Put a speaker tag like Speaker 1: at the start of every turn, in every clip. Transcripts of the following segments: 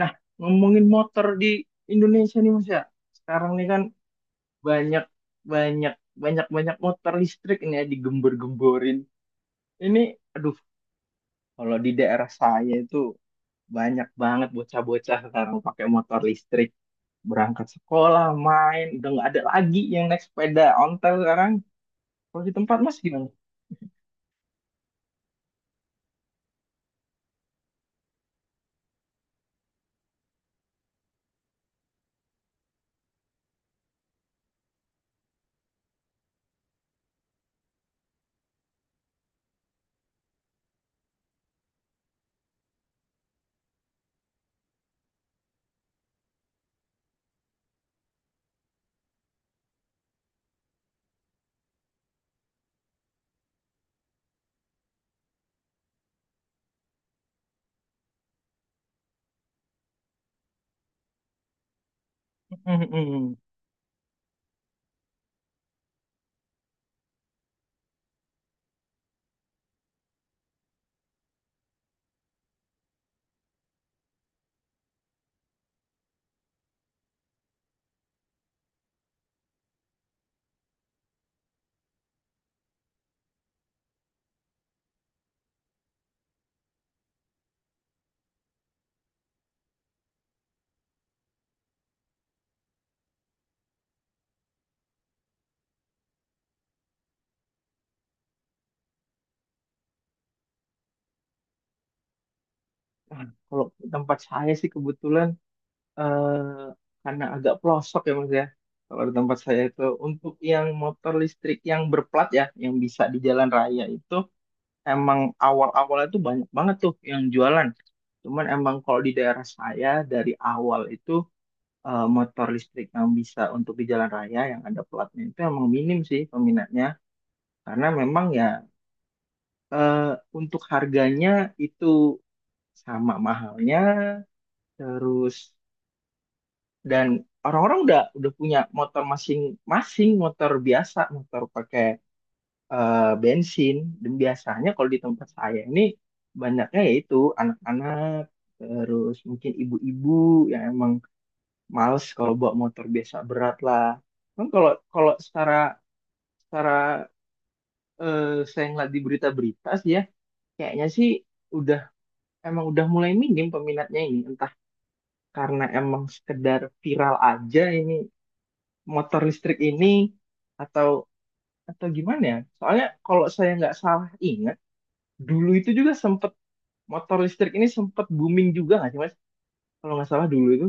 Speaker 1: Nah, ngomongin motor di Indonesia nih, Mas, ya. Sekarang nih kan banyak banyak banyak banyak motor listrik ini ya digembor-gemborin. Ini, aduh, kalau di daerah saya itu banyak banget bocah-bocah sekarang pakai motor listrik berangkat sekolah, main, udah nggak ada lagi yang naik sepeda ontel sekarang. Kalau di tempat Mas gimana? Nah, kalau di tempat saya sih kebetulan, eh karena agak pelosok ya, Mas, ya. Kalau di tempat saya itu untuk yang motor listrik yang berplat ya, yang bisa di jalan raya itu, emang awal-awalnya itu banyak banget tuh yang jualan. Cuman emang kalau di daerah saya dari awal itu, motor listrik yang bisa untuk di jalan raya yang ada platnya itu emang minim sih peminatnya. Karena memang ya, eh, untuk harganya itu sama mahalnya, terus dan orang-orang udah punya motor masing-masing, motor biasa, motor pakai eh, bensin. Dan biasanya kalau di tempat saya ini banyaknya yaitu anak-anak, terus mungkin ibu-ibu yang emang males kalau bawa motor biasa, berat lah kan. Kalau kalau secara secara, eh, saya ngeliat di berita-berita sih ya, kayaknya sih udah, emang udah mulai minim peminatnya ini, entah karena emang sekedar viral aja ini motor listrik ini, atau atau gimana ya? Soalnya kalau saya nggak salah ingat, dulu itu juga sempet, motor listrik ini sempet booming juga nggak sih, Mas? Kalau nggak salah dulu itu.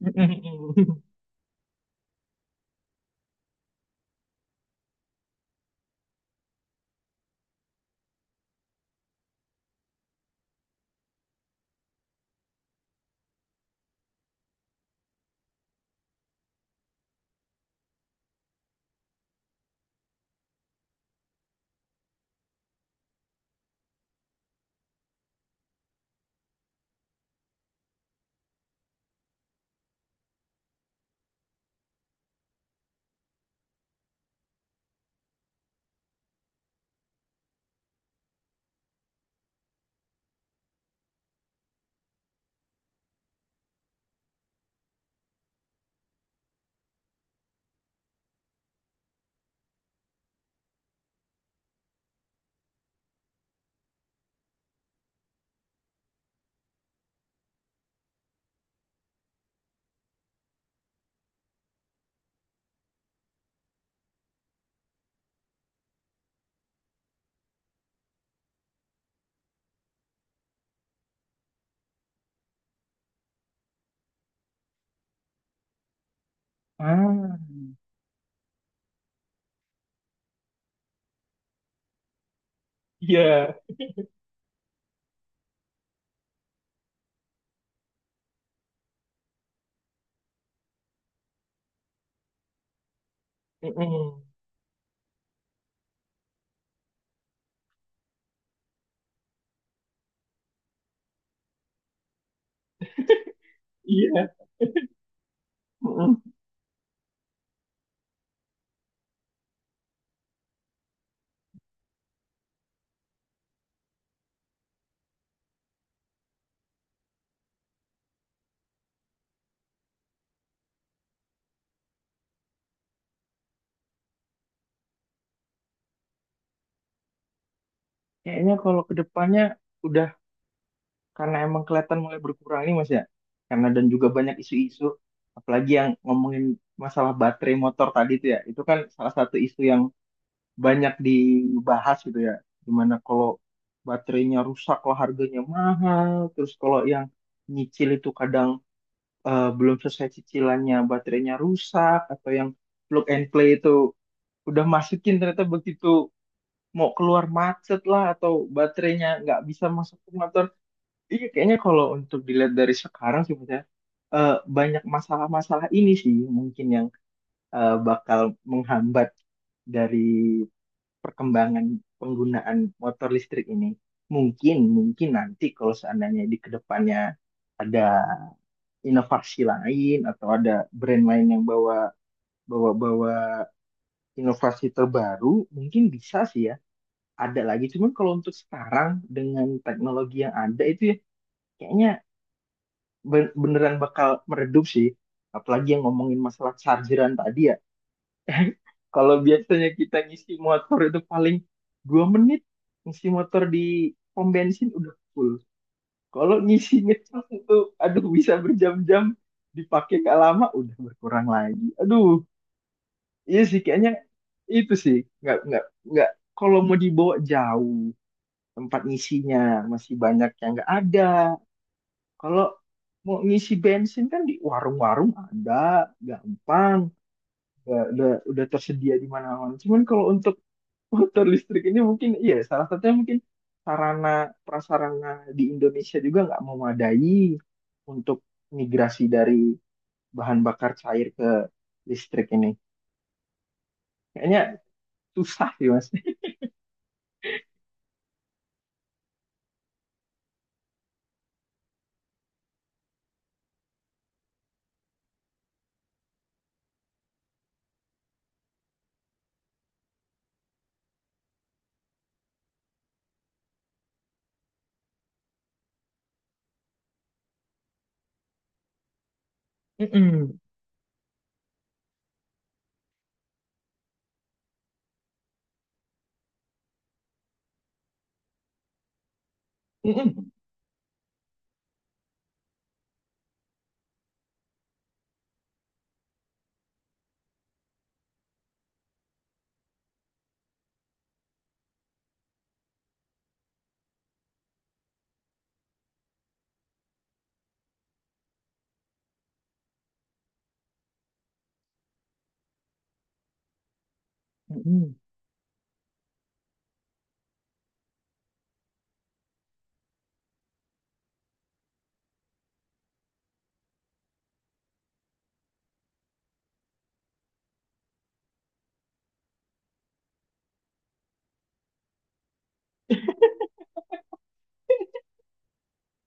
Speaker 1: Ah, iya. Mm-mm. Iya. Mm-mm. Kayaknya kalau ke depannya udah, karena emang kelihatan mulai berkurang nih, Mas, ya. Karena dan juga banyak isu-isu, apalagi yang ngomongin masalah baterai motor tadi itu ya. Itu kan salah satu isu yang banyak dibahas gitu ya. Gimana kalau baterainya rusak, kalau harganya mahal, terus kalau yang nyicil itu kadang, belum selesai cicilannya baterainya rusak, atau yang plug and play itu udah masukin ternyata begitu mau keluar macet lah, atau baterainya nggak bisa masuk ke motor. Iya, kayaknya kalau untuk dilihat dari sekarang sih Mas ya, eh, banyak masalah-masalah ini sih mungkin yang bakal menghambat dari perkembangan penggunaan motor listrik ini. Mungkin mungkin nanti kalau seandainya di kedepannya ada inovasi lain atau ada brand lain yang bawa bawa bawa inovasi terbaru, mungkin bisa sih ya ada lagi. Cuman kalau untuk sekarang dengan teknologi yang ada itu ya kayaknya beneran bakal meredup sih, apalagi yang ngomongin masalah chargeran tadi ya. Kalau biasanya kita ngisi motor itu paling 2 menit, ngisi motor di pom bensin udah full. Kalau ngisi ngecas itu, aduh, bisa berjam-jam, dipakai gak lama udah berkurang lagi. Aduh, iya sih kayaknya itu sih nggak, kalau mau dibawa jauh, tempat ngisinya masih banyak yang nggak ada. Kalau mau ngisi bensin kan di warung-warung ada, gampang, udah, udah tersedia di mana-mana. Cuman kalau untuk motor listrik ini mungkin iya, salah satunya mungkin sarana prasarana di Indonesia juga nggak memadai untuk migrasi dari bahan bakar cair ke listrik ini. Kayaknya susah sih, Mas. Mm-mm. Mm-mm. Mm-mm.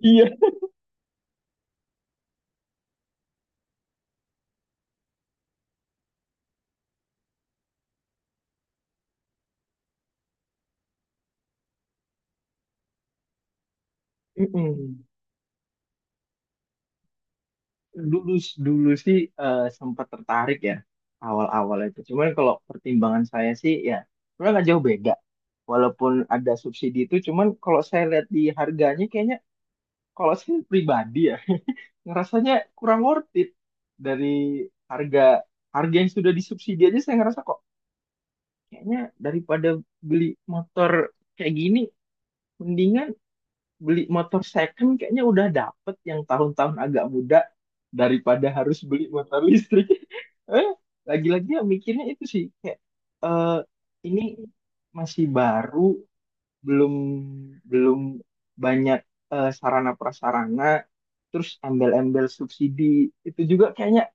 Speaker 1: Iya. Mm-mm. Dulu dulu sih, sempat tertarik ya awal-awal itu. Cuman kalau pertimbangan saya sih ya sebenarnya nggak jauh beda. Walaupun ada subsidi itu, cuman kalau saya lihat di harganya, kayaknya, kalau saya pribadi ya, ngerasanya kurang worth it dari harga, yang sudah disubsidi aja saya ngerasa kok, kayaknya daripada beli motor kayak gini mendingan beli motor second, kayaknya udah dapet yang tahun-tahun agak muda daripada harus beli motor listrik. Eh, lagi-lagi ya mikirnya itu sih kayak, eh, ini masih baru, belum belum banyak sarana prasarana, terus embel-embel subsidi itu juga kayaknya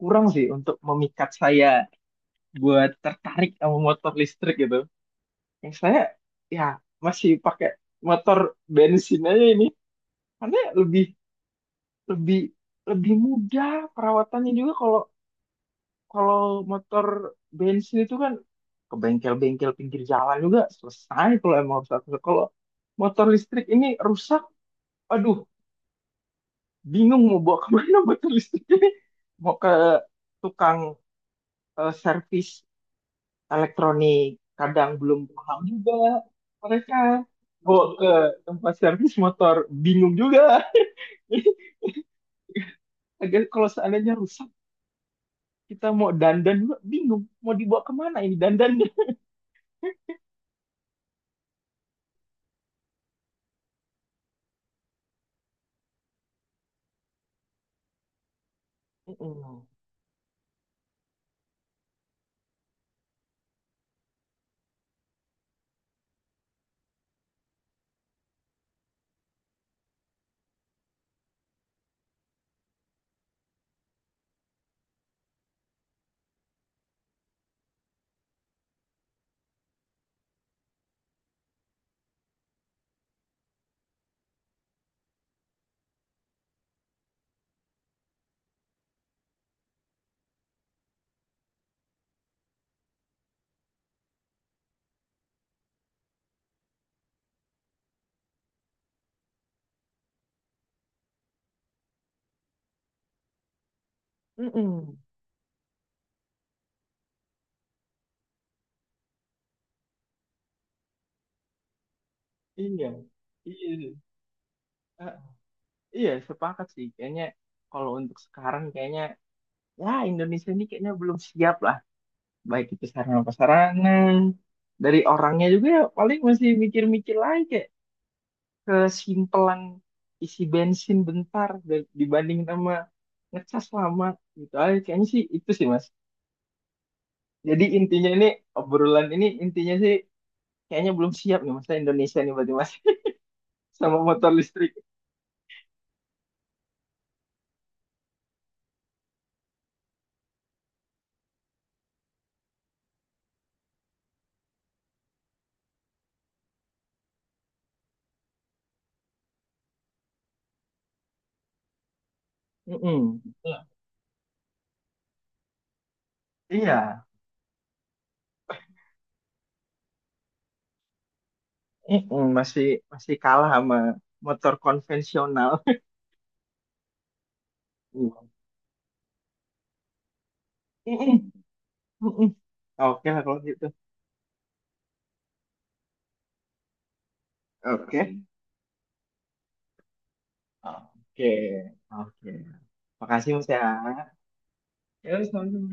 Speaker 1: kurang sih untuk memikat saya buat tertarik sama motor listrik gitu, yang saya ya masih pakai motor bensin aja ini karena lebih lebih lebih mudah perawatannya juga. Kalau kalau motor bensin itu kan ke bengkel-bengkel pinggir jalan juga selesai kalau emang harus. Kalau motor listrik ini rusak, aduh, bingung mau bawa kemana motor listriknya, mau ke tukang servis elektronik kadang belum paham juga mereka, bawa ke tempat servis motor bingung juga. Agar kalau seandainya rusak kita mau dandan juga bingung mau dibawa kemana ini dandannya. Mm-mm. Mm-mm. Iya, iya. Ah, iya sepakat sih kayaknya, kalau untuk sekarang kayaknya ya Indonesia ini kayaknya belum siap lah, baik itu sarana prasarana, dari orangnya juga ya paling masih mikir-mikir lagi kayak kesimpelan isi bensin bentar dibanding sama ngecas lama, gitu aja kayaknya sih itu sih, Mas. Jadi intinya ini, obrolan ini intinya sih kayaknya belum siap nih Mas, Indonesia nih berarti, Mas. Sama motor listrik. Mm-mm. Iya. Mm-mm. masih masih kalah sama motor konvensional. Mm. Mm-mm. Mm-mm. Oke lah kalau gitu. Oke. Oke, oke. Makasih Mas ya. Ya, sama-sama.